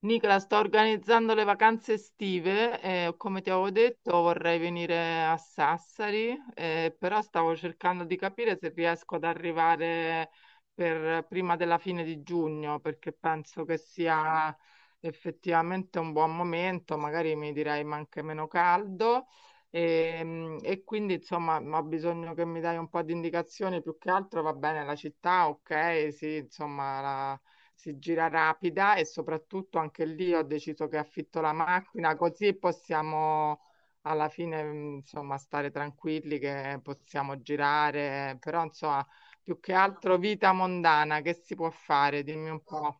Nicola, sto organizzando le vacanze estive e come ti avevo detto vorrei venire a Sassari, però stavo cercando di capire se riesco ad arrivare per prima della fine di giugno, perché penso che sia effettivamente un buon momento, magari mi direi ma anche meno caldo e quindi insomma ho bisogno che mi dai un po' di indicazioni. Più che altro va bene la città, ok, sì, insomma la si gira rapida e soprattutto anche lì ho deciso che affitto la macchina, così possiamo alla fine, insomma, stare tranquilli che possiamo girare, però insomma più che altro vita mondana che si può fare? Dimmi un po'.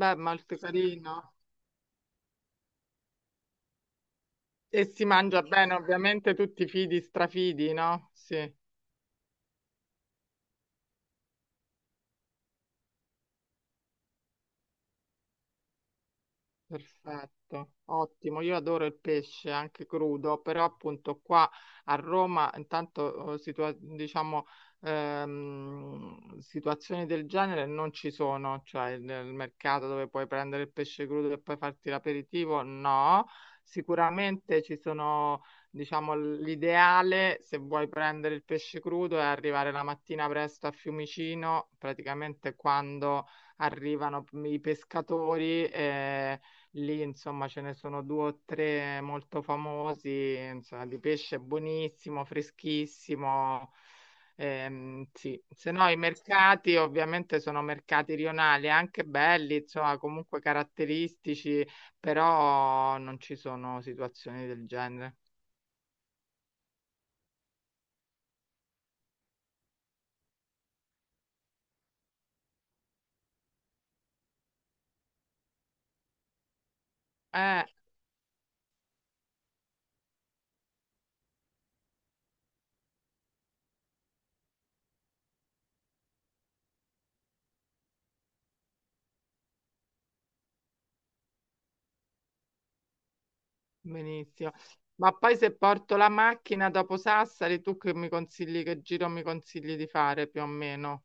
Beh, molto carino. E si mangia bene, ovviamente tutti fidi, strafidi, no? Sì. Perfetto, ottimo. Io adoro il pesce anche crudo, però appunto qua a Roma, intanto diciamo, situazioni del genere non ci sono, cioè nel mercato dove puoi prendere il pesce crudo e poi farti l'aperitivo, no. Sicuramente ci sono, diciamo, l'ideale se vuoi prendere il pesce crudo è arrivare la mattina presto a Fiumicino, praticamente quando arrivano i pescatori. Lì, insomma, ce ne sono due o tre molto famosi, insomma, di pesce buonissimo, freschissimo. Sì. Se no, i mercati ovviamente sono mercati rionali, anche belli, insomma, comunque caratteristici, però non ci sono situazioni del genere. Eh, benissimo. Ma poi, se porto la macchina dopo Sassari, tu che mi consigli, che giro mi consigli di fare più o meno?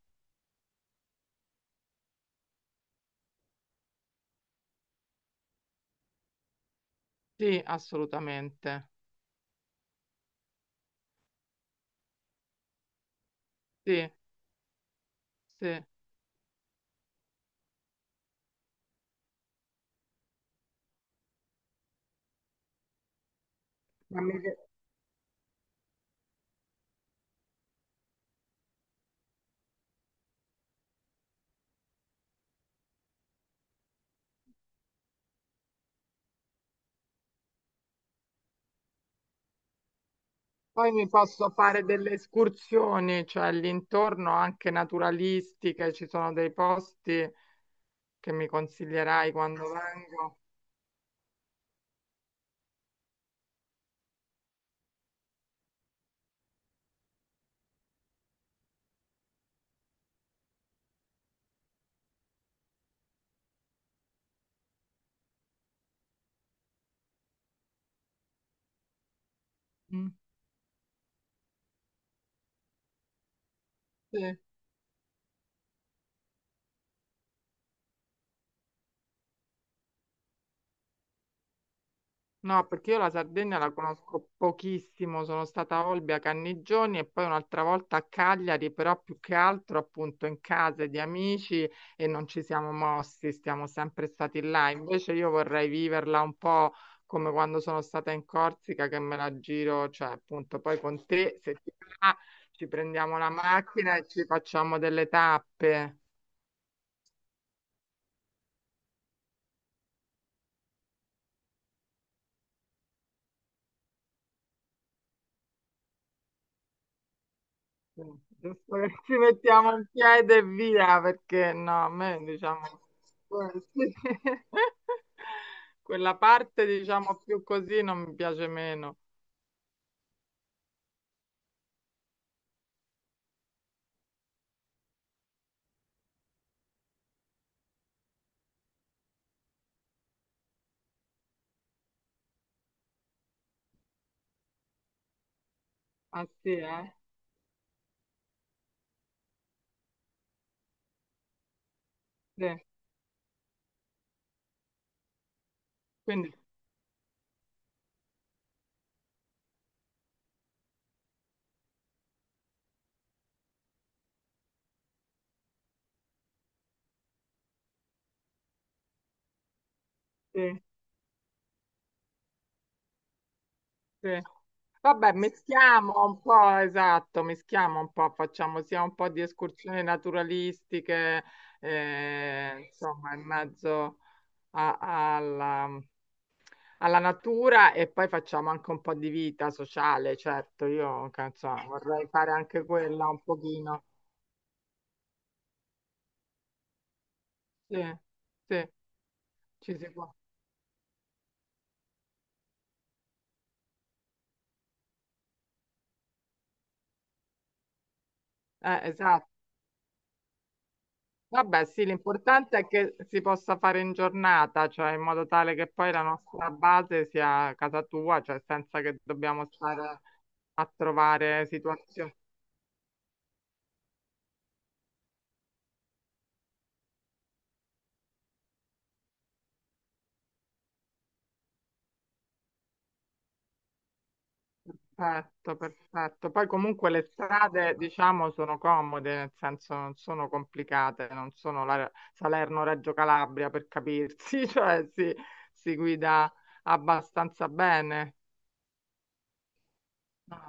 Sì, assolutamente. Sì, sì. Ma mi- Poi mi posso fare delle escursioni, cioè all'intorno anche naturalistiche, ci sono dei posti che mi consiglierai quando vengo. Mm, sì. No, perché io la Sardegna la conosco pochissimo, sono stata a Olbia, Cannigioni e poi un'altra volta a Cagliari, però più che altro appunto in case di amici e non ci siamo mossi, siamo sempre stati là. Invece io vorrei viverla un po' come quando sono stata in Corsica, che me la giro, cioè appunto poi con te, se ti va, ci prendiamo la macchina e ci facciamo delle tappe. Giusto che ci mettiamo un piede e via, perché no, a me diciamo sì. Quella parte, diciamo, più così non mi piace meno. Ah sì, eh? Sì. Quindi sì, sì. Vabbè, mischiamo un po', esatto, mischiamo un po', facciamo sia un po' di escursioni naturalistiche, insomma, in mezzo a- alla alla natura e poi facciamo anche un po' di vita sociale, certo, io che ne so, vorrei fare anche quella un pochino. Sì, sì, ci si può. Esatto. Vabbè, sì, l'importante è che si possa fare in giornata, cioè in modo tale che poi la nostra base sia casa tua, cioè senza che dobbiamo stare a trovare situazioni. Perfetto, perfetto. Poi comunque le strade, diciamo, sono comode, nel senso non sono complicate, non sono la Salerno-Reggio Calabria per capirsi, cioè si guida abbastanza bene, no,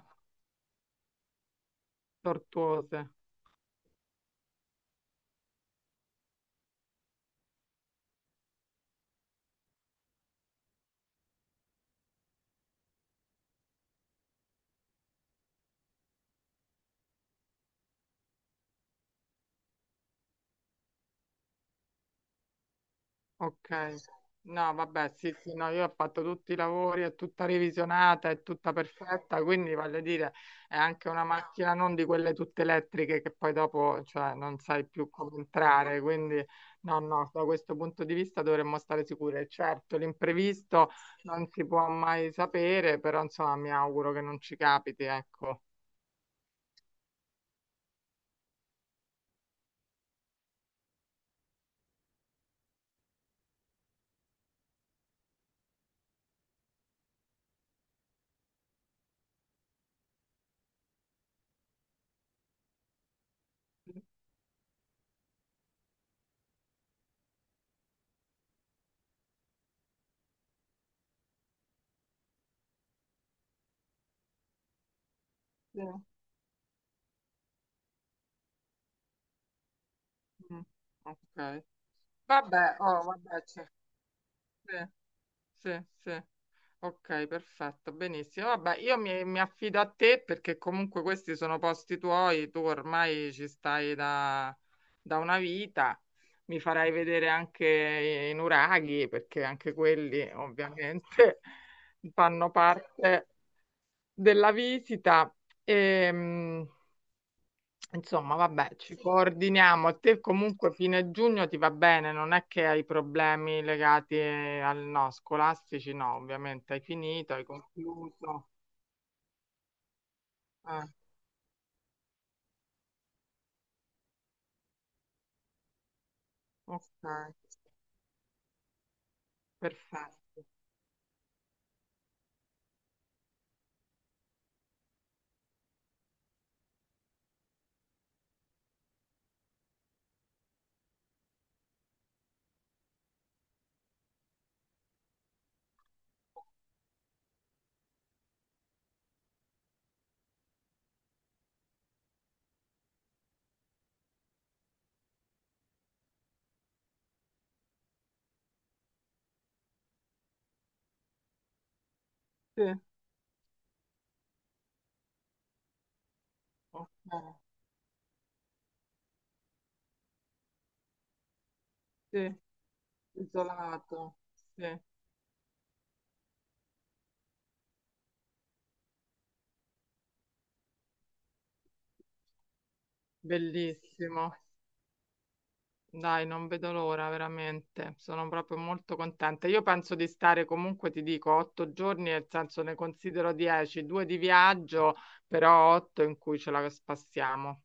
tortuose. Ok, no, vabbè, sì, sì, no, io ho fatto tutti i lavori, è tutta revisionata, è tutta perfetta, quindi voglio dire, è anche una macchina non di quelle tutte elettriche che poi dopo, cioè, non sai più come entrare, quindi no, no, da questo punto di vista dovremmo stare sicure. Certo, l'imprevisto non si può mai sapere, però insomma mi auguro che non ci capiti, ecco. Sì. Mm, ok, vabbè, oh, vabbè, c'è. Sì. Sì, sì. Ok, perfetto, benissimo. Vabbè, io mi, mi affido a te, perché comunque questi sono posti tuoi, tu ormai ci stai da, da una vita, mi farai vedere anche i nuraghi, perché anche quelli ovviamente fanno parte della visita. Ehm, Insomma, vabbè, ci Sì. coordiniamo. A te comunque fine giugno ti va bene, non è che hai problemi legati al no, scolastici, no, ovviamente hai finito, hai concluso. Eh, ok, perfetto. Sì, ok, sì, isolato, sì, bellissimo. Dai, non vedo l'ora, veramente. Sono proprio molto contenta. Io penso di stare comunque, ti dico, 8 giorni, nel senso ne considero 10, 2 di viaggio, però 8 in cui ce la spassiamo.